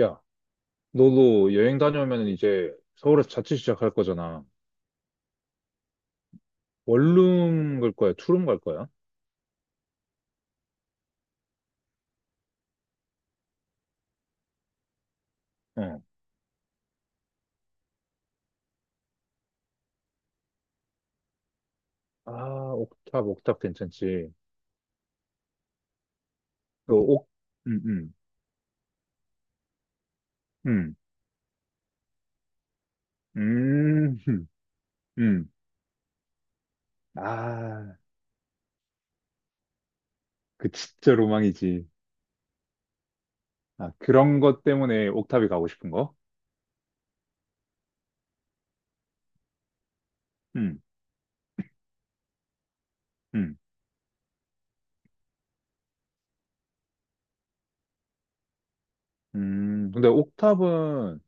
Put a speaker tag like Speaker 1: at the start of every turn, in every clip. Speaker 1: 야, 너도 여행 다녀오면 이제 서울에서 자취 시작할 거잖아. 원룸 갈 거야? 투룸 갈 거야? 어. 아, 옥탑 괜찮지. 그 옥, 음, 음, 음, 음, 음. 음. 아, 그 진짜 로망이지. 아, 그런 것 때문에 옥탑이 가고 싶은 거? 음, 음, 근데 옥탑은,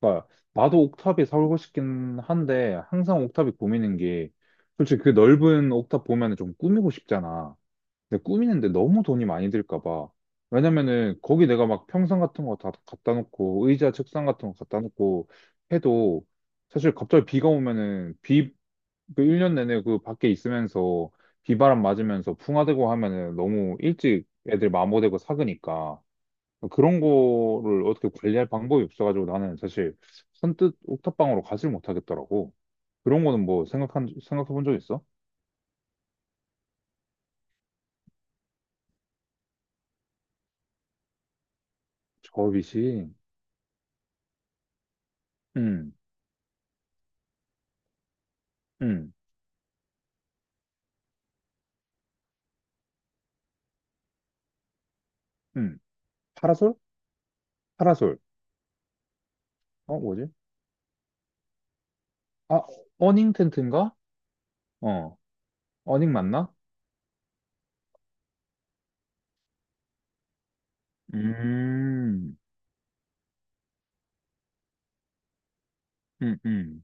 Speaker 1: 그러니까 나도 옥탑에 살고 싶긴 한데, 항상 옥탑이 고민인 게, 솔직히 그 넓은 옥탑 보면 좀 꾸미고 싶잖아. 근데 꾸미는데 너무 돈이 많이 들까 봐. 왜냐면은 거기 내가 막 평상 같은 거 다 갖다 놓고 의자 책상 같은 거 갖다 놓고 해도 사실 갑자기 비가 오면은 비 그 1년 내내 그 밖에 있으면서 비바람 맞으면서 풍화되고 하면은 너무 일찍 애들 마모되고 삭으니까 그런 거를 어떻게 관리할 방법이 없어가지고 나는 사실 선뜻 옥탑방으로 가질 못하겠더라고. 그런 거는 뭐 생각한 생각해 본 적 있어? 접이식. 응, 응, 응. 파라솔? 파라솔. 어, 뭐지? 아, 어닝 텐트인가? 어, 어닝 맞나? 음, 음, 음.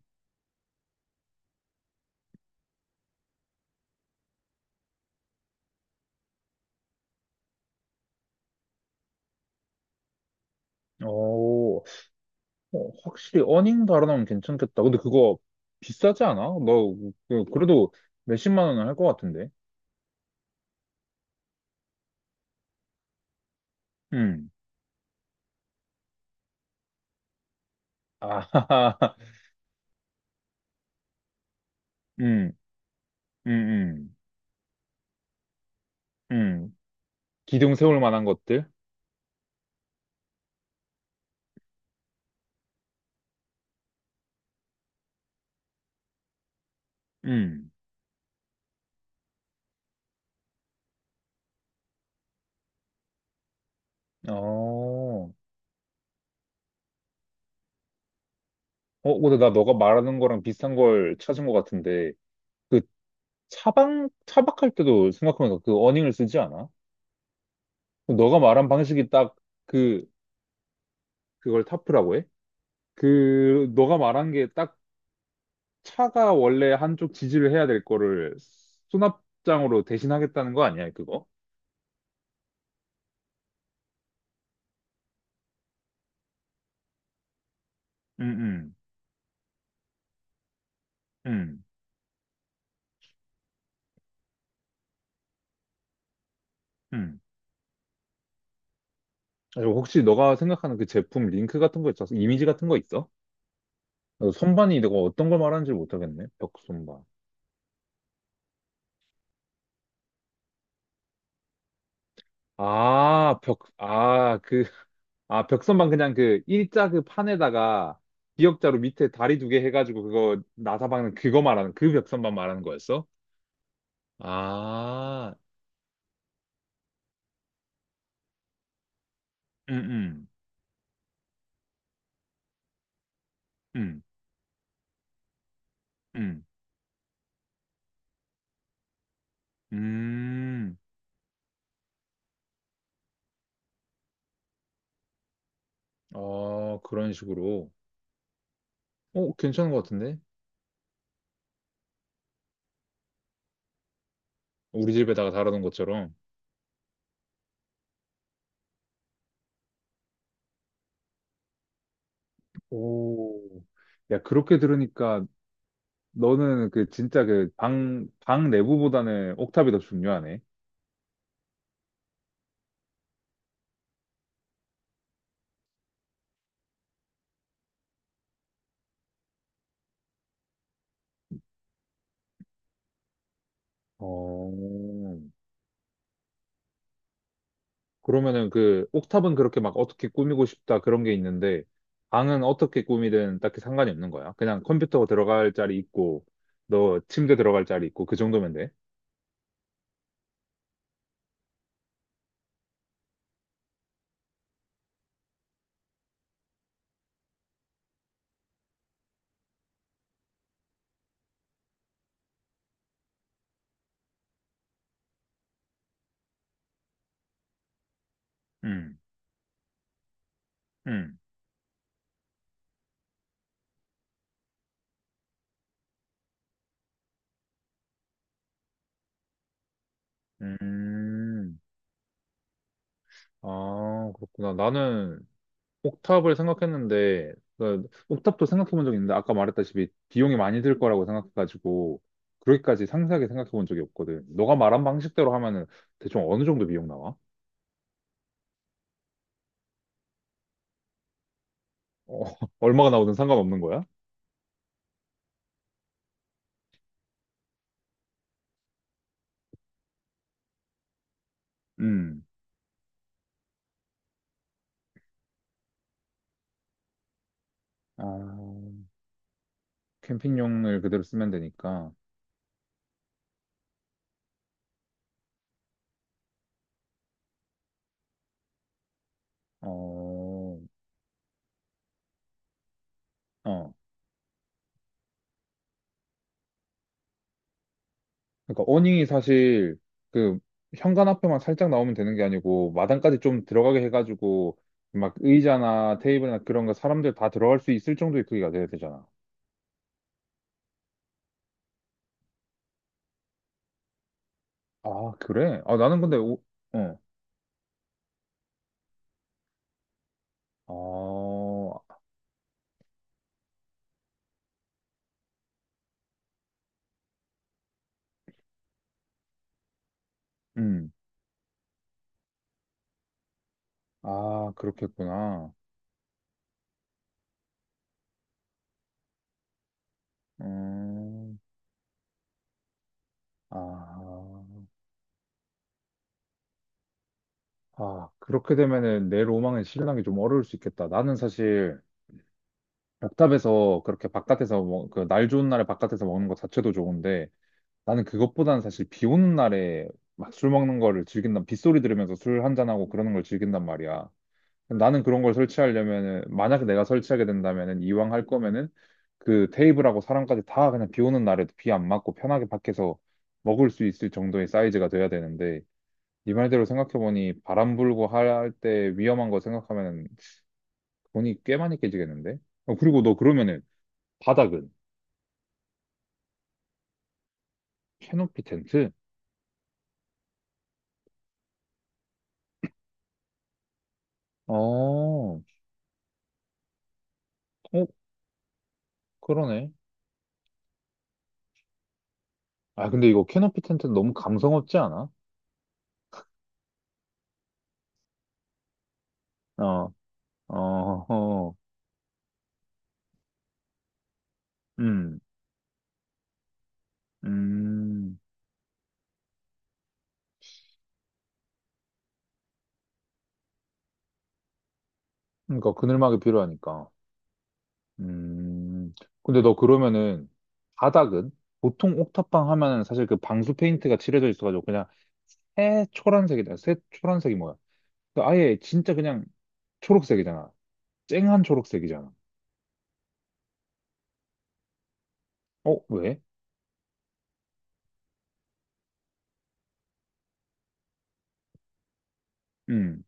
Speaker 1: 오, 어, 확실히 어닝 달아나면 괜찮겠다. 근데 그거 비싸지 않아? 너, 그래도 몇십만 원은 할 것 같은데. 음. 아, 음, 음, 음, 음. 기둥 세울 만한 것들? 음. 어. 어, 근데 나 너가 말하는 거랑 비슷한 걸 찾은 것 같은데. 그 차박할 때도 생각하면서 그 어닝을 쓰지 않아? 너가 말한 방식이 딱 그, 그걸 타프라고 해? 그, 너가 말한 게 딱 차가 원래 한쪽 지지를 해야 될 거를 수납장으로 대신하겠다는 거 아니야, 그거? 응, 응, 응, 응. 혹시 너가 생각하는 그 제품 링크 같은 거 있어서 이미지 같은 거 있어? 어, 선반이 내가 어떤 걸 말하는지 못하겠네. 벽 선반. 아, 벽, 아, 그, 아, 벽선반 그냥 그 일자 그 판에다가 기역자로 밑에 다리 두개 해가지고 그거 나사 박는 그거 말하는 그 벽선반 말하는 거였어? 아, 음, 음, 음, 음, 음. 어, 그런 식으로. 어, 괜찮은 것 같은데? 우리 집에다가 달아놓은 것처럼. 오, 야, 그렇게 들으니까 너는 그 진짜 그 방 내부보다는 옥탑이 더 중요하네. 어, 그러면은 그 옥탑은 그렇게 막 어떻게 꾸미고 싶다 그런 게 있는데 방은 어떻게 꾸미든 딱히 상관이 없는 거야. 그냥 컴퓨터 들어갈 자리 있고 너 침대 들어갈 자리 있고 그 정도면 돼. 음, 음, 음. 아, 그렇구나. 나는 옥탑을 생각했는데 그 옥탑도 생각해 본 적 있는데 아까 말했다시피 비용이 많이 들 거라고 생각해가지고 그렇게까지 상세하게 생각해 본 적이 없거든. 너가 말한 방식대로 하면은 대충 어느 정도 비용 나와? 어, 얼마가 나오든 상관없는 거야? 음. 아, 캠핑용을 그대로 쓰면 되니까. 어, 어. 그러니까 어닝이 사실 그 현관 앞에만 살짝 나오면 되는 게 아니고 마당까지 좀 들어가게 해가지고 막 의자나 테이블이나 그런 거 사람들 다 들어갈 수 있을 정도의 크기가 돼야 되잖아. 아, 그래? 아, 나는 근데 오, 어. 아, 음. 아, 그렇겠구나. 음. 아, 아, 그렇게 되면은 내 로망은 실현하기 좀 어려울 수 있겠다. 나는 사실 벽탑에서 그렇게 바깥에서 먹, 그날 좋은 날에 바깥에서 먹는 것 자체도 좋은데 나는 그것보다는 사실 비 오는 날에 막 술 먹는 거를 즐긴다 빗소리 들으면서 술 한 잔하고 그러는 걸 즐긴단 말이야. 근데 나는 그런 걸 설치하려면은 만약에 내가 설치하게 된다면은 이왕 할 거면은 그 테이블하고 사람까지 다 그냥 비 오는 날에도 비 안 맞고 편하게 밖에서 먹을 수 있을 정도의 사이즈가 돼야 되는데 네 말대로 생각해보니 바람 불고 할 때 위험한 거 생각하면 돈이 꽤 많이 깨지겠는데? 어, 그리고 너 그러면은 바닥은? 캐노피 텐트? 어, 어, 그러네. 아, 근데 이거 캐노피 텐트 너무 감성 없지 않아? 어, 어, 어, 음, 음. 그러니까 그늘막이 필요하니까. 음. 근데 너 그러면은 바닥은? 보통 옥탑방 하면은 사실 그 방수 페인트가 칠해져 있어가지고 그냥 새 초란색이다. 새 초란색이 뭐야? 그 아예 진짜 그냥 초록색이잖아. 쨍한 초록색이잖아. 어, 왜? 음.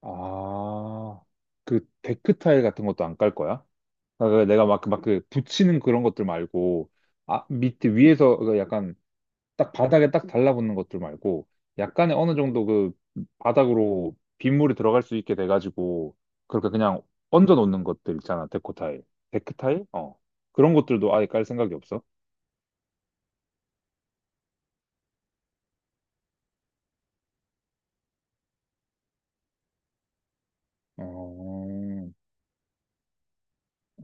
Speaker 1: 아, 그 데크 타일 같은 것도 안 깔 거야? 그러니까 내가 막, 붙이는 그런 것들 말고, 아, 밑에, 위에서 그 약간 딱 바닥에 딱 달라붙는 것들 말고, 약간의 어느 정도 그 바닥으로 빗물이 들어갈 수 있게 돼가지고, 그렇게 그냥 얹어 놓는 것들 있잖아, 데코 타일. 데크 타일? 어. 그런 것들도 아예 깔 생각이 없어? 어,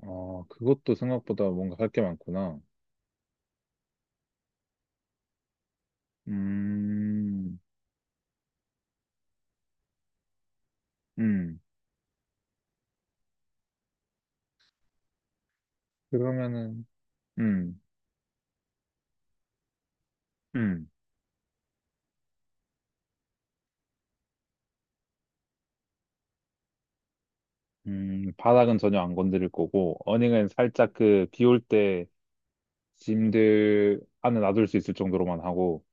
Speaker 1: 아, 그것도 생각보다 뭔가 할 게 많구나. 음, 음. 그러면은, 음. 음, 바닥은 전혀 안 건드릴 거고, 어닝은 살짝 그, 비올 때 짐들 안에 놔둘 수 있을 정도로만 하고,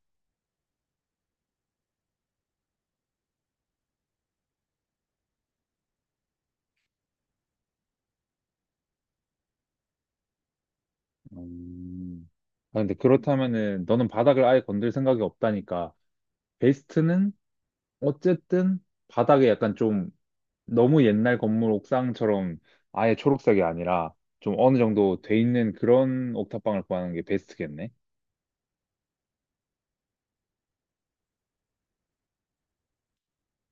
Speaker 1: 음, 아, 근데 그렇다면은, 너는 바닥을 아예 건들 생각이 없다니까, 베스트는 어쨌든 바닥에 약간 좀 너무 옛날 건물 옥상처럼 아예 초록색이 아니라, 좀 어느 정도 돼 있는 그런 옥탑방을 구하는 게 베스트겠네.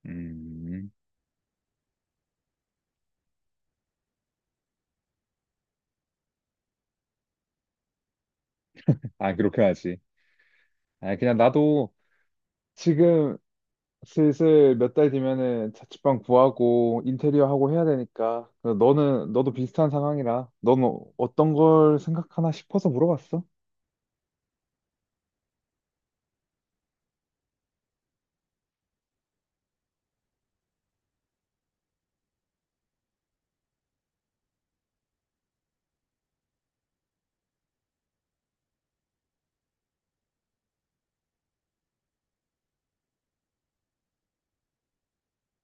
Speaker 1: 음, 아, 그렇게 하지. 아, 그냥 나도 지금 슬슬 몇 달 뒤면은 자취방 구하고 인테리어 하고 해야 되니까. 너는, 너도 비슷한 상황이라. 넌 어떤 걸 생각하나 싶어서 물어봤어.